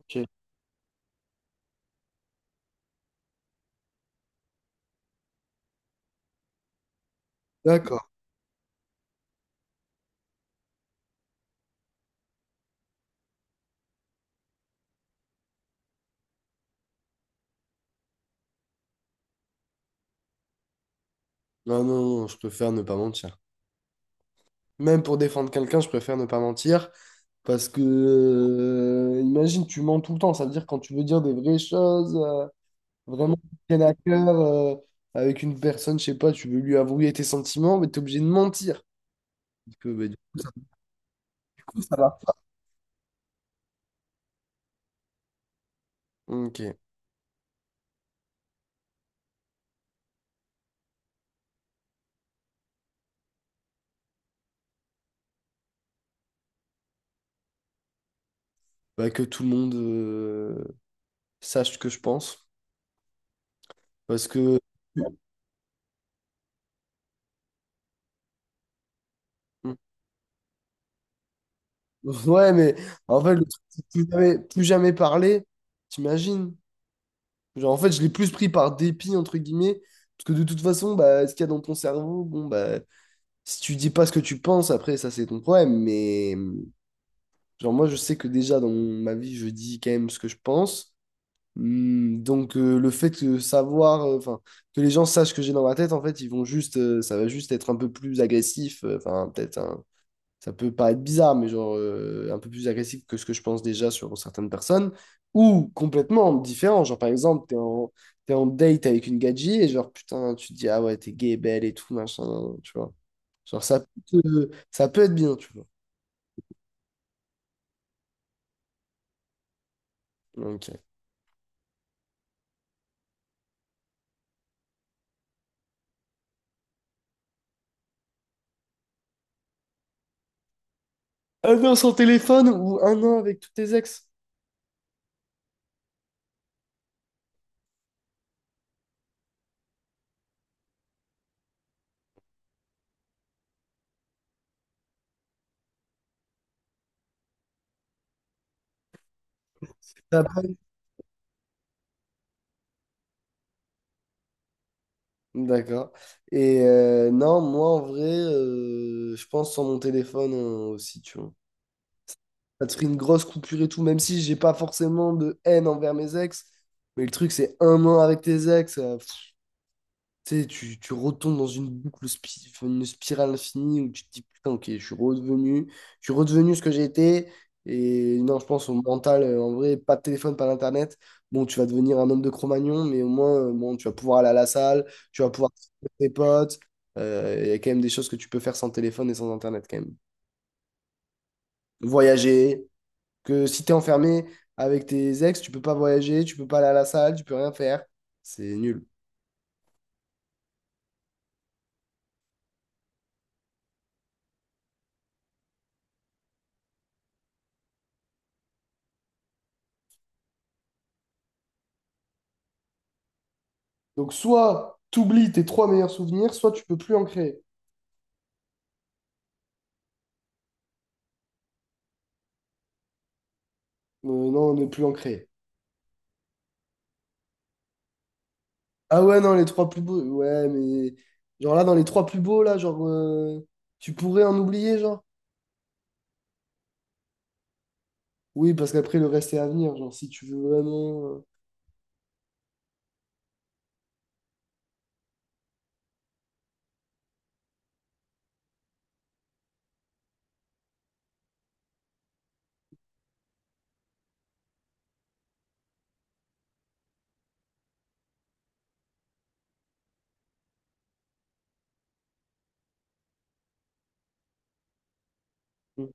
Ok. D'accord. Non, non, non, je préfère ne pas mentir. Même pour défendre quelqu'un, je préfère ne pas mentir. Parce que, imagine, tu mens tout le temps. Ça veut dire quand tu veux dire des vraies choses, vraiment qui te tiennent à cœur, avec une personne, je sais pas, tu veux lui avouer tes sentiments, mais t'es obligé de mentir. Parce que, bah, du coup, ça va. Ok. Bah, que tout le monde sache ce que je pense. Parce que. Mm. Ouais, mais en fait, le truc, c'est plus jamais parler, t'imagines? Genre, en fait, je l'ai plus pris par dépit, entre guillemets, parce que de toute façon, bah, ce qu'il y a dans ton cerveau, bon, bah, si tu dis pas ce que tu penses, après, ça, c'est ton problème. Mais, genre, moi, je sais que déjà, dans ma vie, je dis quand même ce que je pense. Hmm, donc, le fait de savoir, enfin, que les gens sachent ce que j'ai dans ma tête, en fait, ils vont juste, ça va juste être un peu plus agressif, enfin, peut-être un, ça peut paraître bizarre, mais genre un peu plus agressif que ce que je pense déjà sur certaines personnes, ou complètement différent. Genre, par exemple, t'es en date avec une gadji et genre, putain, tu te dis, ah ouais, t'es gay, belle et tout, machin, tu vois. Genre, ça peut être bien, tu vois. Ok. Un an sans téléphone ou un an avec tous tes ex? T'as pas- D'accord. Et non, moi, en vrai, je pense sans mon téléphone aussi, tu vois. Ça te ferait une grosse coupure et tout, même si j'ai pas forcément de haine envers mes ex. Mais le truc, c'est un an avec tes ex, pff, tu sais, tu retombes dans une boucle, une spirale infinie où tu te dis, putain, ok, je suis redevenu ce que j'ai été. Et non, je pense au mental, en vrai, pas de téléphone, pas d'internet. Bon, tu vas devenir un homme de Cro-Magnon, mais au moins, bon, tu vas pouvoir aller à la salle, tu vas pouvoir trouver tes potes. Il y a quand même des choses que tu peux faire sans téléphone et sans internet, quand même. Voyager. Que si t'es enfermé avec tes ex, tu peux pas voyager, tu peux pas aller à la salle, tu peux rien faire. C'est nul. Donc soit t'oublies tes trois meilleurs souvenirs, soit tu peux plus en créer. Non, ne plus en créer. Ah ouais, non, les trois plus beaux. Ouais, mais genre là, dans les trois plus beaux, là, genre, tu pourrais en oublier, genre. Oui, parce qu'après, le reste est à venir. Genre, si tu veux vraiment. euh,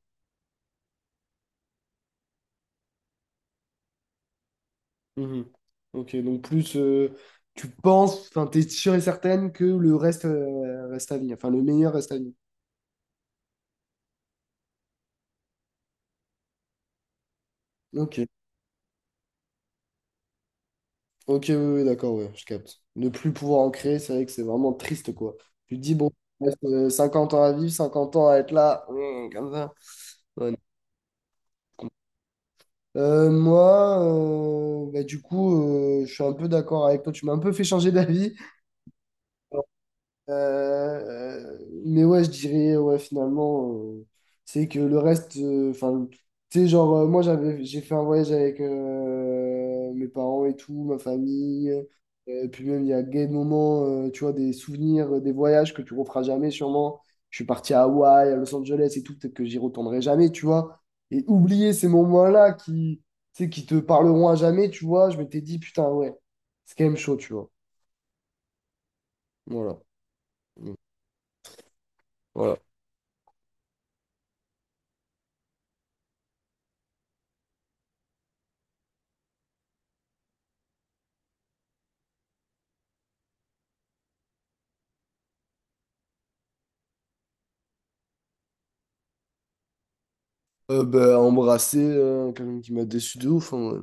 mhm. Ok, donc plus tu penses, enfin, t'es sûr et certaine que le reste reste à venir. Enfin, le meilleur reste à venir. Ok. Ok, oui, oui, d'accord, ouais, je capte. Ne plus pouvoir en créer, c'est vrai que c'est vraiment triste, quoi. Tu te dis, bon, il reste 50 ans à vivre, 50 ans à être là, comme ça. Ouais, non. Je comprends. Moi, bah, du coup, je suis un peu d'accord avec toi. Tu m'as un peu fait changer d'avis. Euh, mais ouais, je dirais, ouais, finalement, c'est que le reste, enfin, tu sais, genre, moi, j'ai fait un voyage avec mes parents et tout, ma famille. Puis même, il y a des moments, tu vois, des souvenirs, des voyages que tu referas jamais, sûrement. Je suis parti à Hawaï, à Los Angeles et tout, peut-être que j'y retournerai jamais, tu vois. Et oublier ces moments-là qui, tu sais, qui te parleront à jamais, tu vois, je m'étais dit, putain, ouais, c'est quand même chaud, tu vois. Voilà. Voilà. Bah, embrasser quelqu'un qui m'a déçu de ouf, hein, ouais.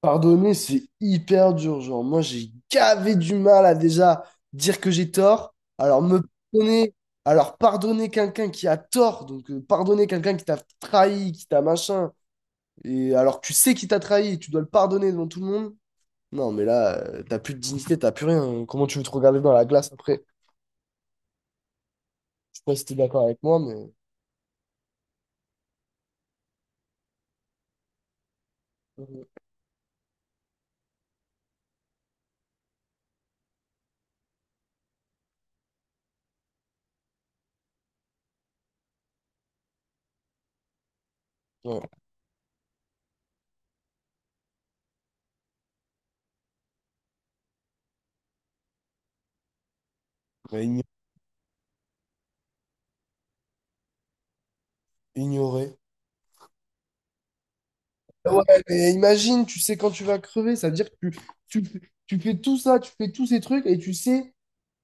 Pardonner, c'est hyper dur. Genre, moi, j'ai gavé du mal à déjà dire que j'ai tort. Alors, me pardonner, alors pardonner quelqu'un qui a tort. Donc, pardonner quelqu'un qui t'a trahi, qui t'a machin. Et alors, que tu sais qu'il t'a trahi, et tu dois le pardonner devant tout le monde. Non, mais là, t'as plus de dignité, t'as plus rien, hein. Comment tu veux te regarder dans la glace après? Je sais pas si t'es d'accord avec moi, mais. euh, Ouais. Ouais, igno- Ignorer. Ouais, mais imagine, tu sais quand tu vas crever, ça veut dire que tu, tu, tu fais tout ça, tu fais tous ces trucs et tu sais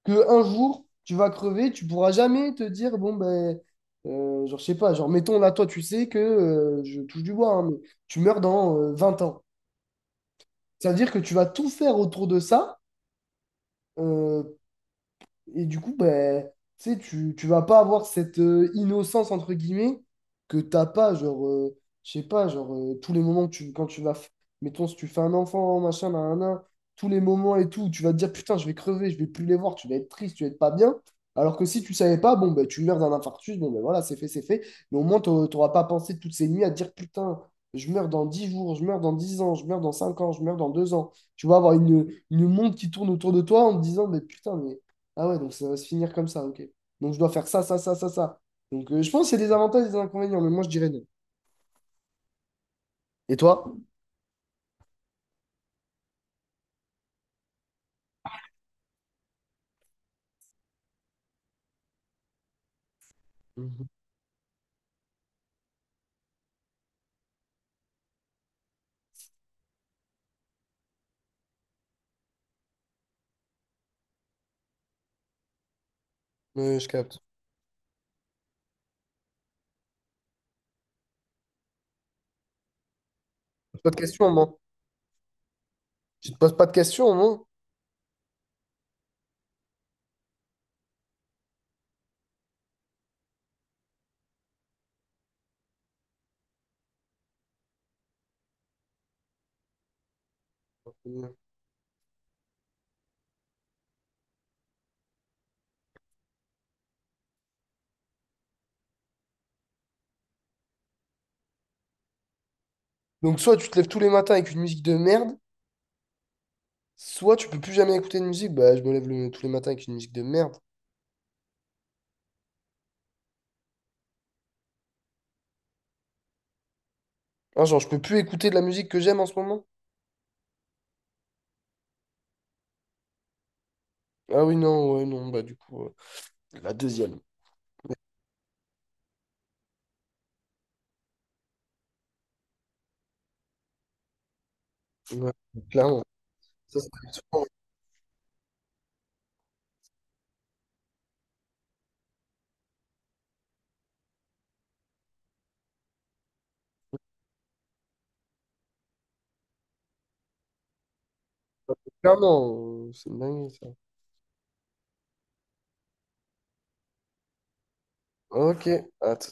que un jour, tu vas crever, tu pourras jamais te dire, bon, ben, genre, je sais pas, genre, mettons là, toi, tu sais que, je touche du bois, hein, mais tu meurs dans 20 ans. Ça veut dire que tu vas tout faire autour de ça, euh, et du coup, ben, tu sais, tu vas pas avoir cette innocence, entre guillemets, que t'as pas, genre, je sais pas, genre, tous les moments que tu, quand tu vas, mettons, si tu fais un enfant, machin, nanana, tous les moments et tout, tu vas te dire, putain, je vais crever, je vais plus les voir, tu vas être triste, tu vas être pas bien. Alors que si tu savais pas, bon, ben, tu meurs d'un infarctus, bon, ben voilà, c'est fait, c'est fait. Mais au moins, t'auras pas pensé toutes ces nuits à te dire, putain, je meurs dans 10 jours, je meurs dans 10 ans, je meurs dans 5 ans, je meurs dans 2 ans. Tu vas avoir une montre qui tourne autour de toi en te disant, mais putain, mais ah ouais, donc ça va se finir comme ça, ok. Donc je dois faire ça, ça, ça, ça, ça. Donc je pense que c'est des avantages et des inconvénients, mais moi je dirais non. Et toi? Mhm. Ouais, je capte. Pas de questions, moi. Je te pose pas de questions, moi. Donc soit tu te lèves tous les matins avec une musique de merde, soit tu peux plus jamais écouter de musique. Bah je me lève tous les matins avec une musique de merde. Ah, genre je peux plus écouter de la musique que j'aime en ce moment? Ah oui, non, ouais, non, bah du coup, la deuxième. Ouais. Clairement. Ça, clairement, c'est une dinguerie, ça. Ok, à tout.